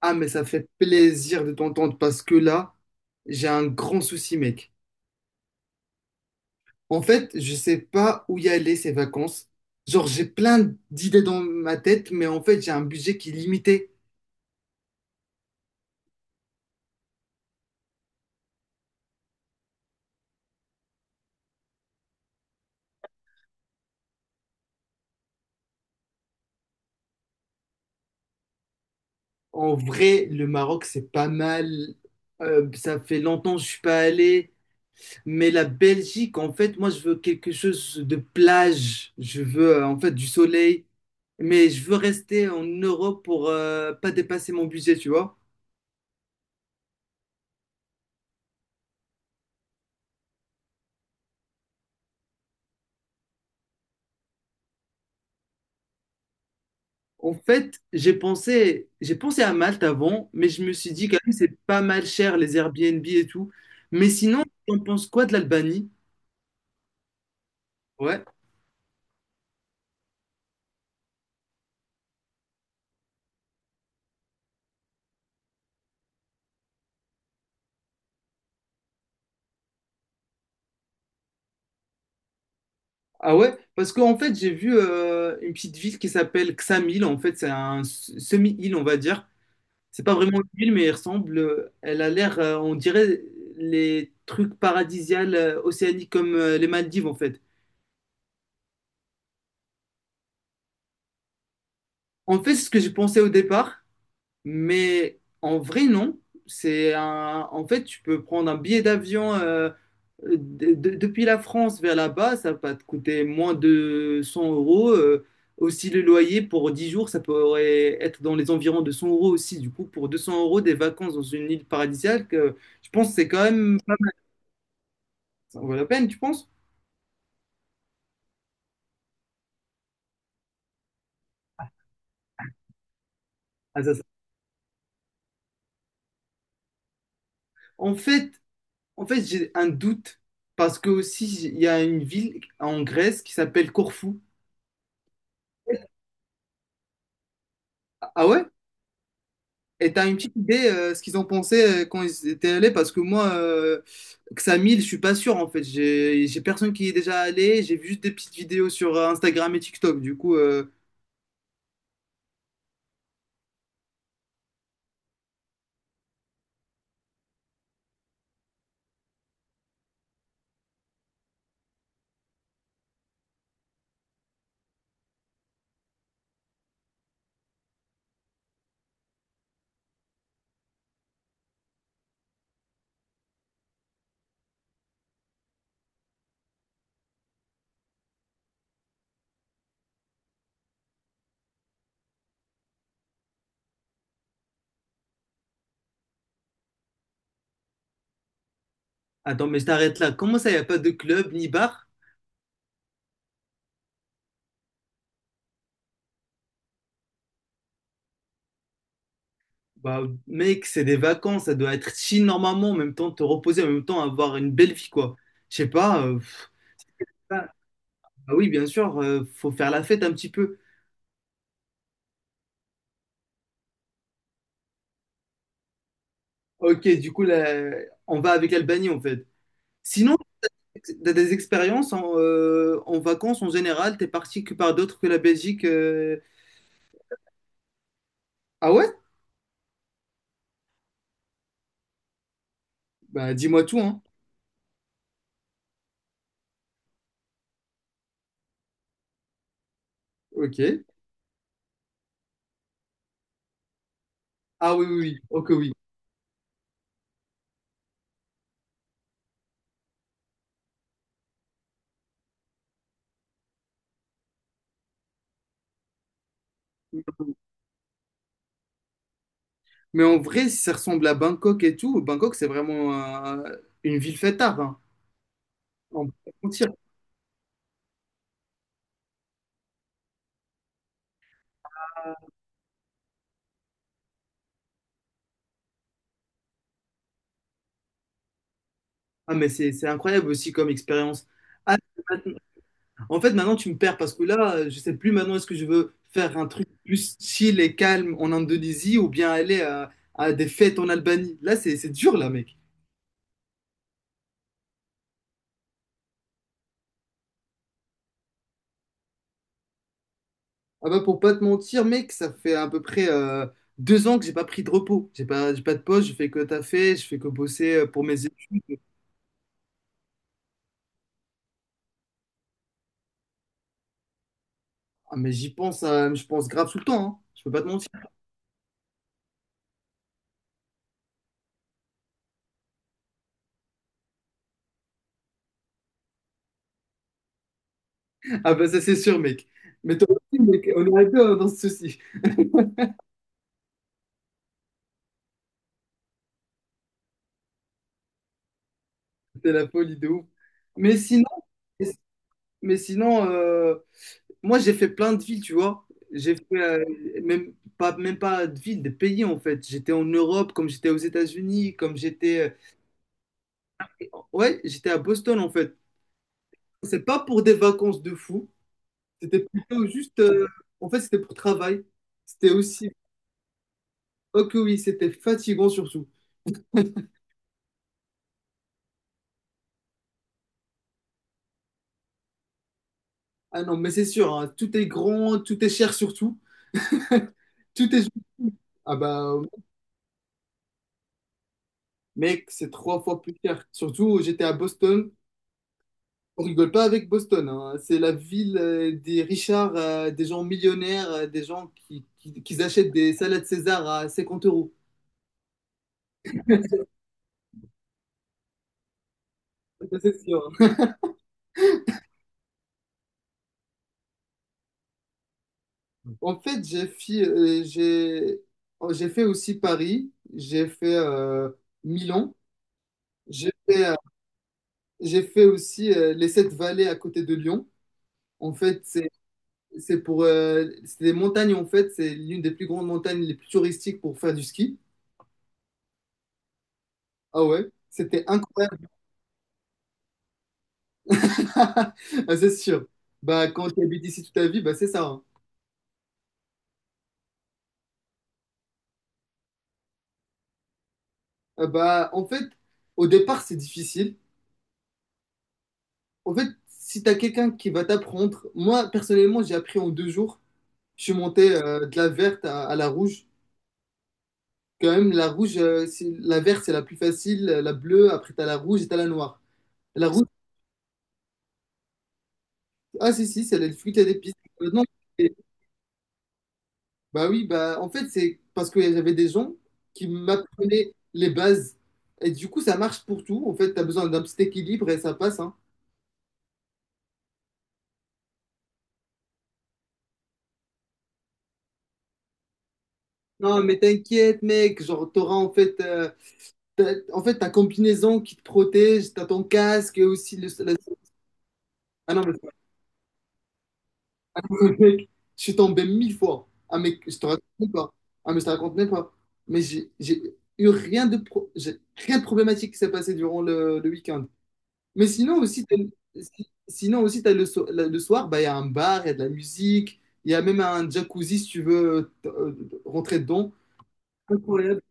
Ah, mais ça fait plaisir de t'entendre parce que là, j'ai un grand souci, mec. En fait, je sais pas où y aller ces vacances. Genre, j'ai plein d'idées dans ma tête, mais en fait, j'ai un budget qui est limité. En vrai, le Maroc, c'est pas mal. Ça fait longtemps que je suis pas allé. Mais la Belgique, en fait, moi, je veux quelque chose de plage. Je veux, en fait, du soleil. Mais je veux rester en Europe pour pas dépasser mon budget, tu vois. En fait, j'ai pensé à Malte avant, mais je me suis dit quand même c'est pas mal cher les Airbnb et tout. Mais sinon, on pense quoi de l'Albanie? Ouais. Ah ouais? Parce qu'en fait, j'ai vu une petite ville qui s'appelle Ksamil. En fait, c'est un semi-île, on va dire. C'est pas vraiment une île, mais elle ressemble. Elle a l'air, on dirait les trucs paradisiaux océaniques comme les Maldives, en fait. En fait, c'est ce que j'ai pensé au départ. Mais en vrai, non. En fait, tu peux prendre un billet d'avion depuis la France vers là-bas, ça va te coûter moins de 100 euros. Aussi, le loyer pour 10 jours, ça pourrait être dans les environs de 100 euros aussi. Du coup, pour 200 euros, des vacances dans une île paradisiaque, je pense que c'est quand même pas ça vaut la peine, tu penses? Ah, ça, ça- En fait, j'ai un doute parce que aussi, il y a une ville en Grèce qui s'appelle Corfou. Ah ah ouais? Et t'as une petite idée ce qu'ils ont pensé quand ils étaient allés parce que moi Xamil, je suis pas sûr en fait. J'ai personne qui y est déjà allé, j'ai vu juste des petites vidéos sur Instagram et TikTok. Attends mais je t'arrête là. Comment ça y a pas de club ni bar? Bah mec, c'est des vacances, ça doit être chill normalement, en même temps te reposer, en même temps avoir une belle vie quoi. Je sais pas ah ah oui, bien sûr, faut faire la fête un petit peu. OK, du coup là, on va avec l'Albanie en fait. Sinon T'as des expériences en, en vacances en général, t'es parti que par d'autres que la Belgique. Ah ouais? Bah dis-moi tout, hein. Ok. Ah oui, oui, oui. Ok, oui. Mais en vrai, si ça ressemble à Bangkok et tout, Bangkok, c'est vraiment une ville fêtarde. Hein. On peut pas mentir. Ah, mais c'est incroyable aussi comme expérience. Ah, maintenant- en fait, maintenant, tu me perds parce que là, je sais plus maintenant est-ce que je veux faire un truc plus chill et calme en Indonésie ou bien aller à des fêtes en Albanie. Là, c'est dur, là, mec. Ah bah pour pas te mentir, mec, ça fait à peu près 2 ans que j'ai pas pris de repos. J'ai pas de pause, je fais que taffer, je fais que bosser pour mes études. Ah mais j'y pense, je pense grave tout le temps, hein. Je peux pas te mentir. Ah bah ça c'est sûr, mec. Mais toi aussi, mec, on aurait deux hein, dans ce souci. C'est la folie de ouf. Mais sinon, mais sinon, moi j'ai fait plein de villes, tu vois. J'ai fait même même pas de villes, des pays en fait. J'étais en Europe, comme j'étais aux États-Unis, comme j'étais. Ouais, j'étais à Boston en fait. C'est pas pour des vacances de fou. C'était plutôt juste. En fait, c'était pour travail. C'était aussi. Oh que oui, c'était fatigant surtout. Ah non, mais c'est sûr, hein, tout est grand, tout est cher surtout. Tout est. Ah bah, mec, c'est trois fois plus cher. Surtout, j'étais à Boston. On rigole pas avec Boston. Hein. C'est la ville des Richards, des gens millionnaires, des gens qui achètent des salades César à 50 euros. Ça, c'est sûr. Hein. En fait, j'ai fait aussi Paris, j'ai fait Milan, j'ai fait, euh, j'ai fait aussi, les Sept Vallées à côté de Lyon. En fait, c'est des montagnes en fait, c'est l'une des plus grandes montagnes les plus touristiques pour faire du ski. Ah ouais, c'était incroyable. Ah, c'est sûr. Bah quand tu habites ici toute ta vie, bah c'est ça. Hein. Bah en fait, au départ, c'est difficile. En fait, si tu as quelqu'un qui va t'apprendre, moi personnellement, j'ai appris en 2 jours. Je suis monté de la verte à la rouge. Quand même, la rouge, la verte, c'est la plus facile. La bleue, après, t'as la rouge et t'as la noire. La rouge, ah, si, si, c'est les fruits et épices. Non, et- bah oui, bah en fait, c'est parce que j'avais des gens qui m'apprenaient les bases. Et du coup, ça marche pour tout. En fait, t'as besoin d'un petit équilibre et ça passe, hein. Non, mais t'inquiète, mec. Genre, t'auras en fait, en fait, ta combinaison qui te protège, t'as ton casque et aussi le, la- Ah non, mais mec, je suis tombé mille fois. Ah, mec, je te raconte même pas. Ah, mais je te raconte même pas. Mais j'ai rien de problématique qui s'est passé durant le week-end. Mais sinon aussi, t'as le soir, bah, il y a un bar, il y a de la musique, il y a même un jacuzzi si tu veux rentrer dedans. Incroyable.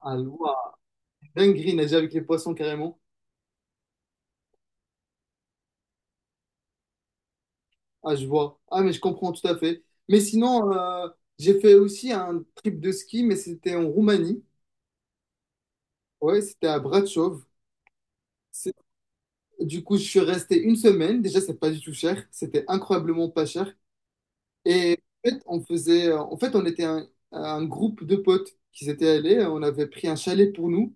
Ah, wow. Dinguerie, nager avec les poissons carrément. Ah, je vois. Ah, mais je comprends tout à fait. Mais sinon, j'ai fait aussi un trip de ski, mais c'était en Roumanie. Ouais, c'était à Bratislava. C'est- Du coup, je suis resté une semaine. Déjà, c'est pas du tout cher. C'était incroyablement pas cher. Et en fait, on était un groupe de potes qui s'étaient allés. On avait pris un chalet pour nous.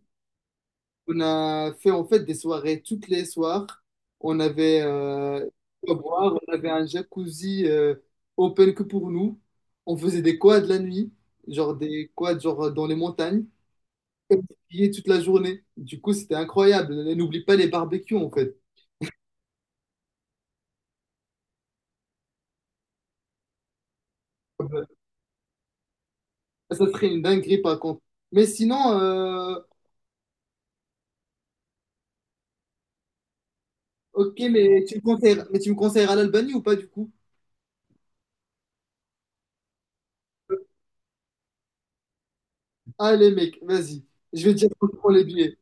On a fait en fait des soirées toutes les soirs. On avait à boire, on avait un jacuzzi open que pour nous. On faisait des quads la nuit, genre des quads genre dans les montagnes, et on skiait toute la journée. Du coup, c'était incroyable. Et n'oublie pas les barbecues en fait. Euh, Ça serait une dinguerie par contre. Mais sinon, ok, mais tu me conseilleras l'Albanie ou pas du coup? Allez mec, vas-y. Je vais te dire qu'on prend les billets.